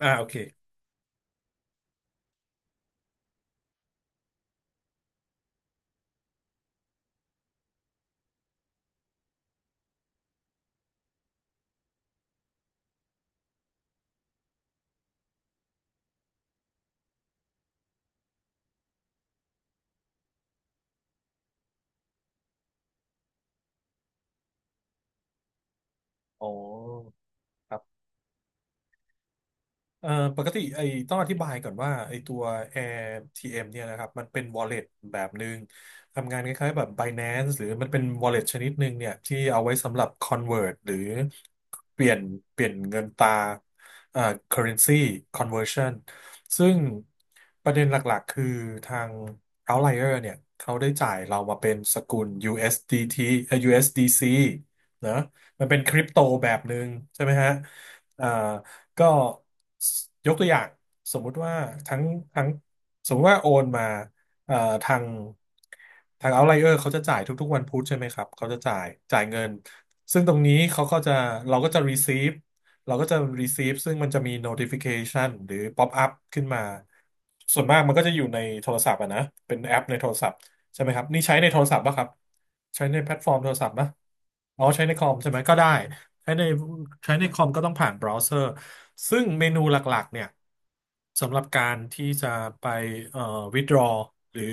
อ่าโอเคอ๋อครับ เอ่อปกติต้องอธิบายก่อนว่าไอ้ตัว a เอ t m เนี่ยนะครับมันเป็น wallet แบบหนึ่งทำงานคล้ายๆแบบ Binance หรือมันเป็น wallet ชนิดหนึ่งเนี่ยที่เอาไว้สำหรับ convert หรือเปลี่ยนเปลี่ยนเงินตราเอ่อ currency conversion ซึ่งประเด็นหลักๆคือทาง outlier เนี่ยเขาได้จ่ายเรามาเป็นสกุล USDT เอสดีทีUSDC นะมันเป็นคริปโตแบบหนึ่งใช่ไหมฮะอ่า ก็ยกตัวอย่างสมมุติว่าทั้งทั้งสมมุติว่าโอนมาเอ่อทางทางเอาไลเออร์เขาจะจ่ายทุกๆวันพุธใช่ไหมครับเขาจะจ่ายเงินซึ่งตรงนี้เขาก็จะเราก็จะ receive เราก็จะ receive ซึ่งมันจะมี notification หรือ pop up ขึ้นมาส่วนมากมันก็จะอยู่ในโทรศัพท์อะนะเป็นแอปในโทรศัพท์ใช่ไหมครับนี่ใช้ในโทรศัพท์ป่ะครับใช้ในแพลตฟอร์มโทรศัพท์ป่ะอ๋อใช้ในคอมใช่ไหมก็ได้ ใช้ในใช้ในคอมก็ต้องผ่านเบราว์เซอร์ซึ่งเมนูหลักๆเนี่ยสำหรับการที่จะไปเอ่อ withdraw หรือ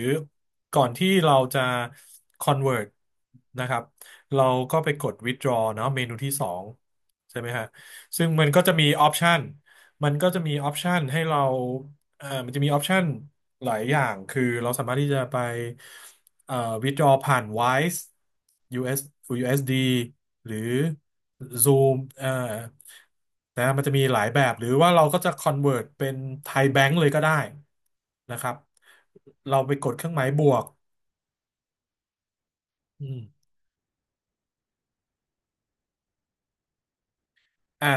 ก่อนที่เราจะ convert นะครับเราก็ไปกด withdraw เนาะเมนูที่สองใช่ไหมฮะซึ่งมันก็จะมีออปชันให้เรา มันจะมีออปชันหลายอย่างคือเราสามารถที่จะไปเอ่อ withdraw ผ่าน Wise u อ USD หรือ Zoom นะมันจะมีหลายแบบหรือว่าเราก็จะ convert เป็นไทยแบงก์เลยก็ได้นะครับเราไปกดเครื่องหมายบวกอืมอ่า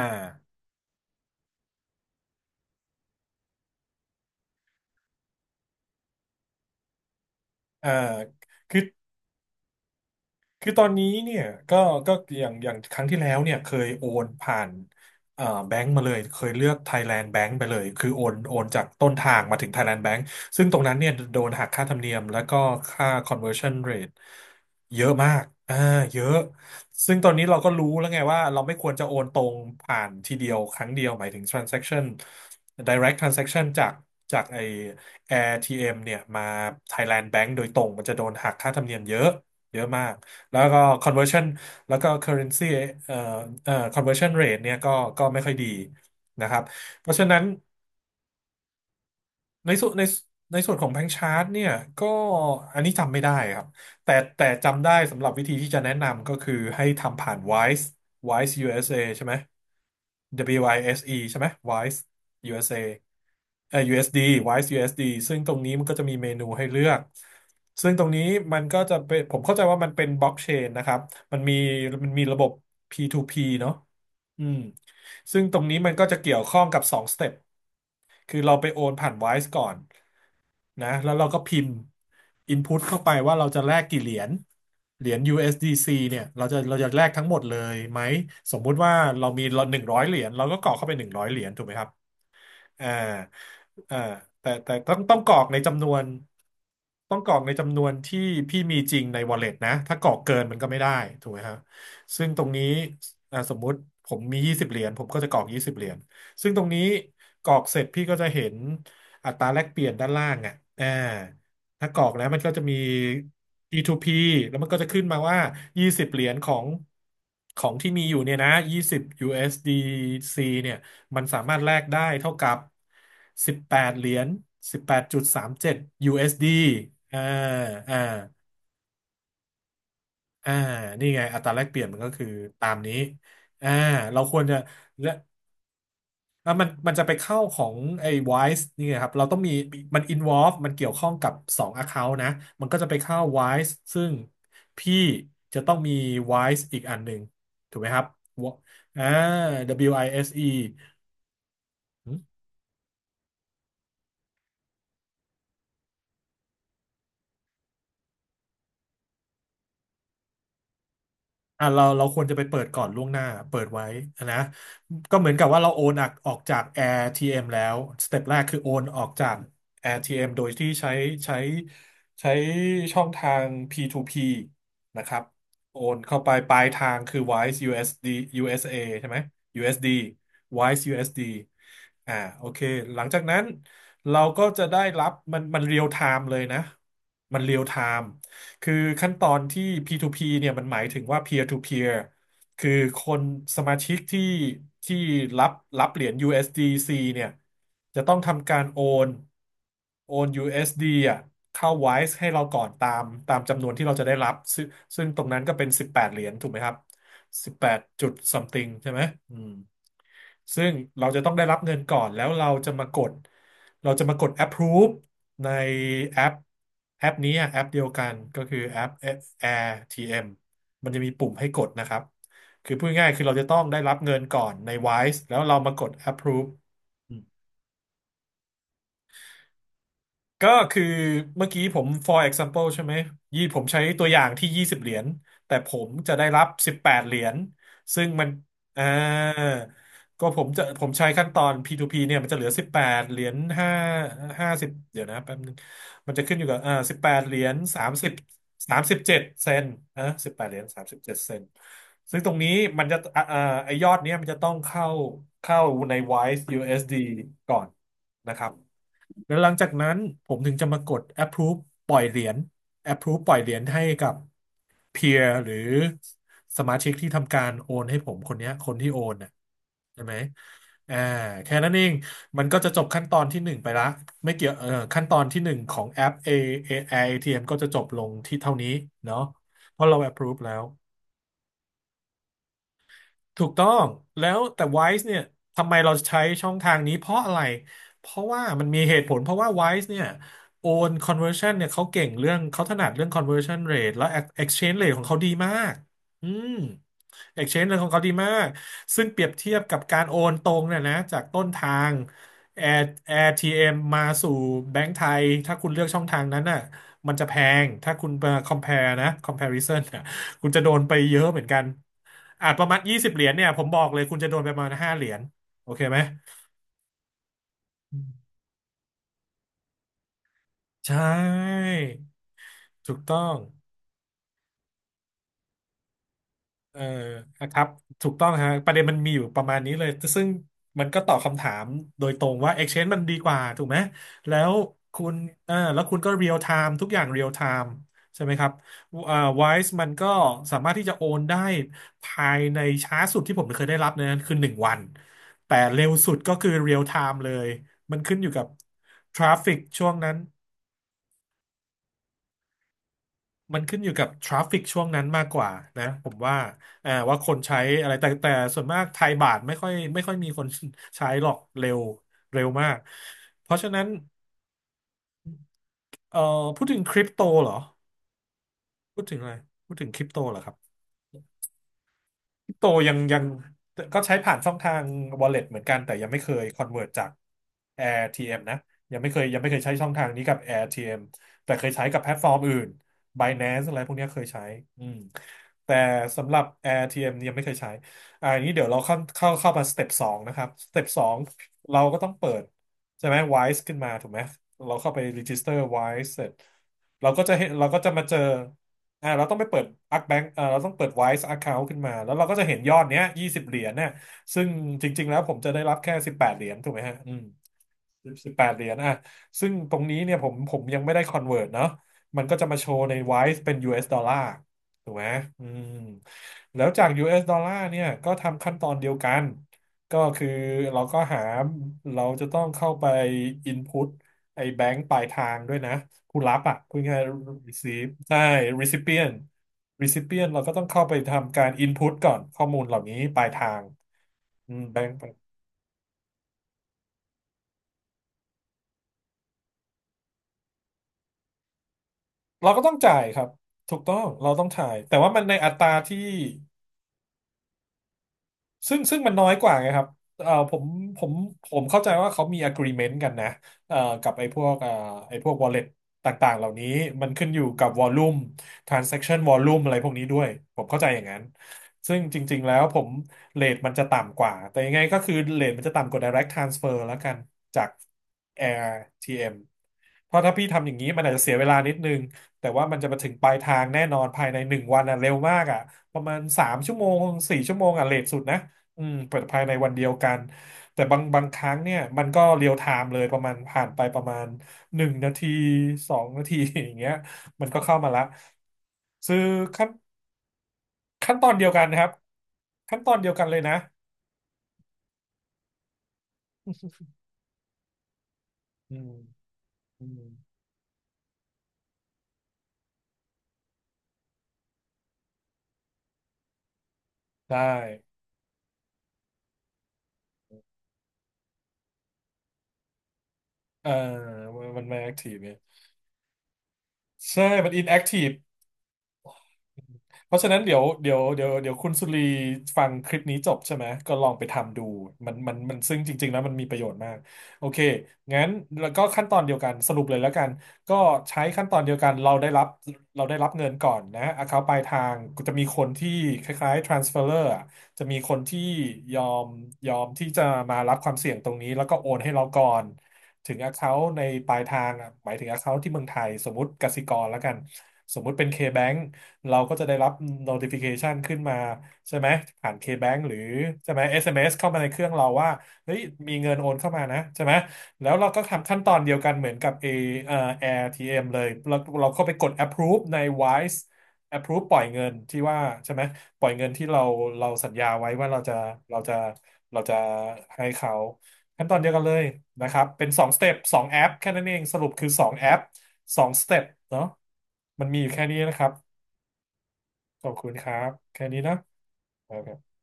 อ่าคือ ตอนนี้เนี่ยก็ก็อย่างครั้งที่แล้วเนี่ยเคยโอนผ่านแบงก์มาเลยเคยเลือก Thailand Bank ไปเลยคือโอนจากต้นทางมาถึง Thailand Bank ซึ่งตรงนั้นเนี่ยโดนหักค่าธรรมเนียมแล้วก็ค่า conversion rate เยอะมากเยอะซึ่งตอนนี้เราก็รู้แล้วไงว่าเราไม่ควรจะโอนตรงผ่านทีเดียวครั้งเดียวหมายถึง transaction direct transaction จากจาก AirTM เอ็มเนี่ยมา Thailand Bank โดยตรงมันจะโดนหักค่าธรรมเนียมเยอะเยอะมาก แล้วก็ conversion แล้วก็ currency เอ่อconversion rate เนี่ยก็ไม่ค่อยดีนะครับเพราะฉะนั้นในส่วนในในส่วนของแบง c ์ชาร์ตเนี่ยก็อันนี้จำไม่ได้ครับแต่จำได้สำหรับวิธีที่จะแนะนำก็คือให้ทำผ่าน Wise USA ใช่ไหม WISE ใช่ไหม Wise USA USD Wise USD ซึ่งตรงนี้มันก็จะมีเมนูให้เลือก ซึ่งตรงนี้มันก็จะเป็นผมเข้าใจว่ามันเป็นบล็อกเชนนะครับมันมีมันมีระบบ P2P เนอะอืมซึ่งตรงนี้มันก็จะเกี่ยวข้องกับ2 สเต็ปคือเราไปโอนผ่าน Wise ก่อนนะแล้วเราก็พิมพ์ Input เข้าไปว่าเราจะแลกกี่เหรียญเหรียญ USDC เอสดีซีเนี่ยเราจะแลกทั้งหมดเลยไหม สมมุติว่าเรามีหนึ่งร้อยเหรียญเราก็กรอกเข้าไปหนึ่งร้อยเหรียญถูกไหมครับ อ่าอ่าแต่ต้องกรอกในจำนวนต้องกรอกในจำนวนที่พี่มีจริงใน wallet นะถ้ากรอกเกินมันก็ไม่ได้ถูกไหมครับซึ่งตรงนี้สมมุติผมมียี่สิบเหรียญผมก็จะกรอกยี่สิบเหรียญซึ่งตรงนี้กรอกเสร็จพี่ก็จะเห็นอัตราแลกเปลี่ยนด้านล่างอ่ะอ่าถ้ากรอกแล้วมันก็จะมี P2P แล้วมันก็จะขึ้นมาว่ายี่สิบเหรียญของของที่มีอยู่เนี่ยนะ20 USDC เอสดีซีเนี่ย มันสามารถแลกได้เท่ากับ18เหรียญ18.37 USD อสดีอ่าอ่าอ่านี่ไงอัตราแลกเปลี่ยนมันก็คือตามนี้อ่าเราควรจะและแล้วมันจะไปเข้าของไอ้ Wise นี่ไงครับเราต้องมีมัน involve มันเกี่ยวข้องกับ2 account นะมันก็จะไปเข้า Wise ซึ่งพี่จะต้องมี Wise อีกอันหนึ่งถูกไหมครับวอ่า WISE เราควรจะไปเปิดก่อนล่วงหน้าเปิดไว้นะก็เหมือนกับว่าเราโอนออกจาก AirTM แล้วสเต็ปแรกคือโอนออกจาก AirTM โดยที่ใช้ใช้ช่องทาง P2P นะครับโอนเข้าไปปลายทางคือ Wise USD สดียูเอสเอใช่ไหมยูเอสดี Wise USD อสดีอ่าโอเคหลังจากนั้นเราก็จะได้รับมันเรียลไทม์เลยนะมันเรียลไทม์ คือขั้นตอนที่ P2P เนี่ยมันหมายถึงว่า peer to peer คือคนสมาชิกที่รับรับเหรียญ USDC เอสดีซีเนี่ยจะต้องทำการนโอน USD อสดีอ่ะเข้า WISE ให้เราก่อนตามจำนวนที่เราจะได้รับซึ่งตรงนั้นก็เป็น18เหรียญถูกไหมครับ18จุด something ใช่ไหมอืม ซึ่งเราจะต้องได้รับเงินก่อนแล้วเราจะมากดเราจะมากด approve ในแอปแอปนี้อะแอปเดียวกันก็คือแอป AirTM มันจะมีปุ่มให้กดนะครับคือพูดง่ายๆคือเราจะต้องได้รับเงินก่อนใน Wise แล้วเรามากด approve ก็คือเมื่อกี้ผม for example ใช่ไหมยี่ผมใช้ตัวอย่างที่ยี่สิบเหรียญแต่ผมจะได้รับสิบแปดเหรียญซึ่งมันอ่าก็ผมใช้ขั้นตอน P2P เนี่ยมันจะเหลือ18 เหรียญห้าสิบเดี๋ยวนะแป๊บนึงมันจะขึ้นอยู่กับสิบแปดเหรียญสามสิบเจ็ดเซนนะ18.37 เหรียญซึ่งตรงนี้มันจะไอยอดเนี้ยมันจะต้องเข้าใน Wise USD ก่อนนะครับ แล้วหลังจากนั้นผมถึงจะมากด approve ปล่อยเหรียญ approve ปล่อยเหรียญให้กับ peer หรือสมาชิกที่ทำการโอนให้ผมคนเนี้ยคนที่โอนน่ะใช่ไหมอ่าแค่นั้นเองมันก็จะจบขั้นตอนที่หนึ่งไปละไม่เกี่ยวขั้นตอนที่หนึ่งของแอป ATM ก็จะจบลงที่เท่านี้เนาะเพราะเรา approve แล้ว ถูกต้องแล้วแต่ Wise เนี่ยทำไมเราใช้ช่องทางนี้เพราะอะไรเพราะว่ามันมีเหตุผลเพราะว่า Wise เนี่ยโอน conversion เนี่ยเขาเก่งเรื่องเขาถนัดเรื่อง conversion rate และ exchange rate ของเขาดีมากอืม exchange rate ของเขาดีมากซึ่งเปรียบเทียบกับการโอนตรงเนี่ยนะจากต้นทาง Air AirTM มาสู่แบงก์ไทยถ้าคุณเลือกช่องทางนั้นน่ะมันจะแพงถ้าคุณมา compare นะ comparison น่ะคุณจะโดนไปเยอะเหมือนกัน อ่าประมาณ20 เหรียญเนี่ยผมบอกเลยคุณจะโดนไปประมาณ5 เหรียญโอเคไหมใช่ถูกต้อง เออครับถูกต้องฮะประเด็นมันมีอยู่ประมาณนี้เลยซึ่งมันก็ตอบคำถามโดยตรงว่า Exchange มันดีกว่าถูกไหมแล้วคุณเออแล้วคุณก็ real time ทุกอย่าง real time ใช่ไหมครับเอ่อ Wise มันก็สามารถที่จะโอนได้ภายในช้าสุดที่ผมเคยได้รับนะคือหนึ่งวันแต่เร็วสุดก็คือ real time เลยมันขึ้นอยู่กับ traffic ช่วงนั้น มันขึ้นอยู่กับทราฟฟิกช่วงนั้นมากกว่านะผมว่าว่าคนใช้อะไรแต่ส่วนมากไทยบาทไม่ค่อยมีคนใช้หรอกเร็วเร็วมากเพราะฉะนั้นเอ่อพูดถึงคริปโตเหรอพูดถึงอะไรพูดถึงคริปโตเหรอครับ โตยังก็ใช้ผ่านช่องทาง wallet เหมือนกันแต่ยังไม่เคย convert จาก AirTM นะยังไม่เคยใช้ช่องทางนี้กับ AirTM แต่เคยใช้กับแพลตฟอร์มอื่น Binance อะไรพวกเนี้ยเคยใช้อืมแต่สำหรับ AirTM เนี่ยยังไม่เคยใช้อ่าอย่างนี้เดี๋ยวเราเข้ามาสเต็ปสองนะครับสเต็ปสองเราก็ต้องเปิดใช่ไหม Wise ขึ้นมาถูกไหมเราเข้าไป register Wise เสร็จเราก็จะเห็นเราก็จะมาเจอ อ่าเราต้องไปเปิดอักแบงเราต้องเปิด Wise Account ขึ้นมาแล้วเราก็จะเห็นยอดเนี้ยยี่สิบเหรียญเนี่ยซึ่งจริงๆแล้วผมจะได้รับแค่สิบแปดเหรียญถูกไหมฮะอืม สิบแปดเหรียญอ่ะซึ่งตรงนี้เนี่ยผมยังไม่ได้คอนเวิร์ตเนาะมันก็จะมาโชว์ใน WISE เป็น US ดอลลาร์ถูกไหมอืมแล้วจาก US ดอลลาร์เนี่ยก็ทำขั้นตอนเดียวกัน ก็คือเราก็หาเราจะต้องเข้าไป input ไอ้แบงค์ปลายทางด้วยนะผู้รับอ่ะพูดง่ายๆ receive ใช่ recipient เราก็ต้องเข้าไปทำการ input ก่อนข้อมูลเหล่านี้ปลายทางอืมแบงค์ เราก็ต้องจ่ายครับถูกต้องเราต้องจ่ายแต่ว่ามันในอัตราที่ ซึ่งมันน้อยกว่าไงครับผมผมผมเข้าใจว่าเขามี agreement กันนะเอ่อกับไอ้พวกไอ้พวก wallet ต่างๆเหล่านี้มันขึ้นอยู่กับ volume transaction volume อะไรพวกนี้ด้วย ผมเข้าใจอย่างนั้น ซึ่งจริงๆแล้วผมเรทมันจะต่ำกว่า แต่ยังไงก็คือเรทมันจะต่ำกว่า direct transfer แล้วกันจาก AirTM เอ็มเพราะถ้าพี่ทำอย่างนี้มันอาจจะเสียเวลานิดนึง แต่ว่ามันจะมาถึงปลายทางแน่นอนภายในหนึ่งวันอ่ะเร็วมากอ่ะประมาณสามชั่วโมงสี่ชั่วโมงอ่ะเลทสุดนะ อืมเปิดภายในวันเดียวกันแต่บางครั้งเนี่ยมันก็เรียลไทม์เลยประมาณผ่านไปประมาณหนึ่งนาทีสองนาที อย่างเงี้ยมันก็เข้ามาละซื้อขั้นตอนเดียวกันนะครับขั้นตอนเดียวกันเลยนะอืมอืมได้เออมันไม่แอคทีฟเนี่ยใช่มันอินแอคทีฟ เพราะฉะนั้นเดี๋ยวคุณสุรีฟังคลิปนี้จบใช่ไหมก็ลองไปทำดูมันซึ่งจริงๆแล้วมันมีประโยชน์มากโอเคงั้นแล้วก็ขั้นตอนเดียวกันสรุปเลยแล้วกันก็ใช้ขั้นตอนเดียวกันเราได้รับเราได้รับเงินก่อนนะ account ปลายทางจะมีคนที่คล้ายๆ transferer อะจะมีคนที่ยอมที่จะมารับความเสี่ยงตรงนี้แล้วก็โอนให้เราก่อนถึง account ในปลายทางอะหมายถึง account ที่เมืองไทยสมมติกสิกรแล้วกันสมมุติเป็น K-Bank เราก็จะได้รับ notification ขึ้นมาใช่ไหมผ่าน KBank หรือใช่ไหม SMS เอ็มเอสเข้ามาในเครื่องเราว่าเฮ้ยมีเงินโอนเข้ามานะใช่ไหมแล้วเราก็ทำขั้นตอนเดียวกันเหมือนกับ A เอ่อ AirTM เลยเราเราเข้าไปกด approve ใน Wise approve ปล่อยเงินที่ว่าใช่ไหมปล่อยเงินที่เราเราสัญญาไว้ว่าเราจะเราจะเราจะให้เขาขั้นตอนเดียวกันเลยนะครับเป็นสองสเต็ปสองแอปแค่นั้นเองสรุปคือสองแอปสองสเต็ปเนาะมันมีอยู่แค่นี้นะครับ ขอบคุณครับแค่นี้เนอะโอเค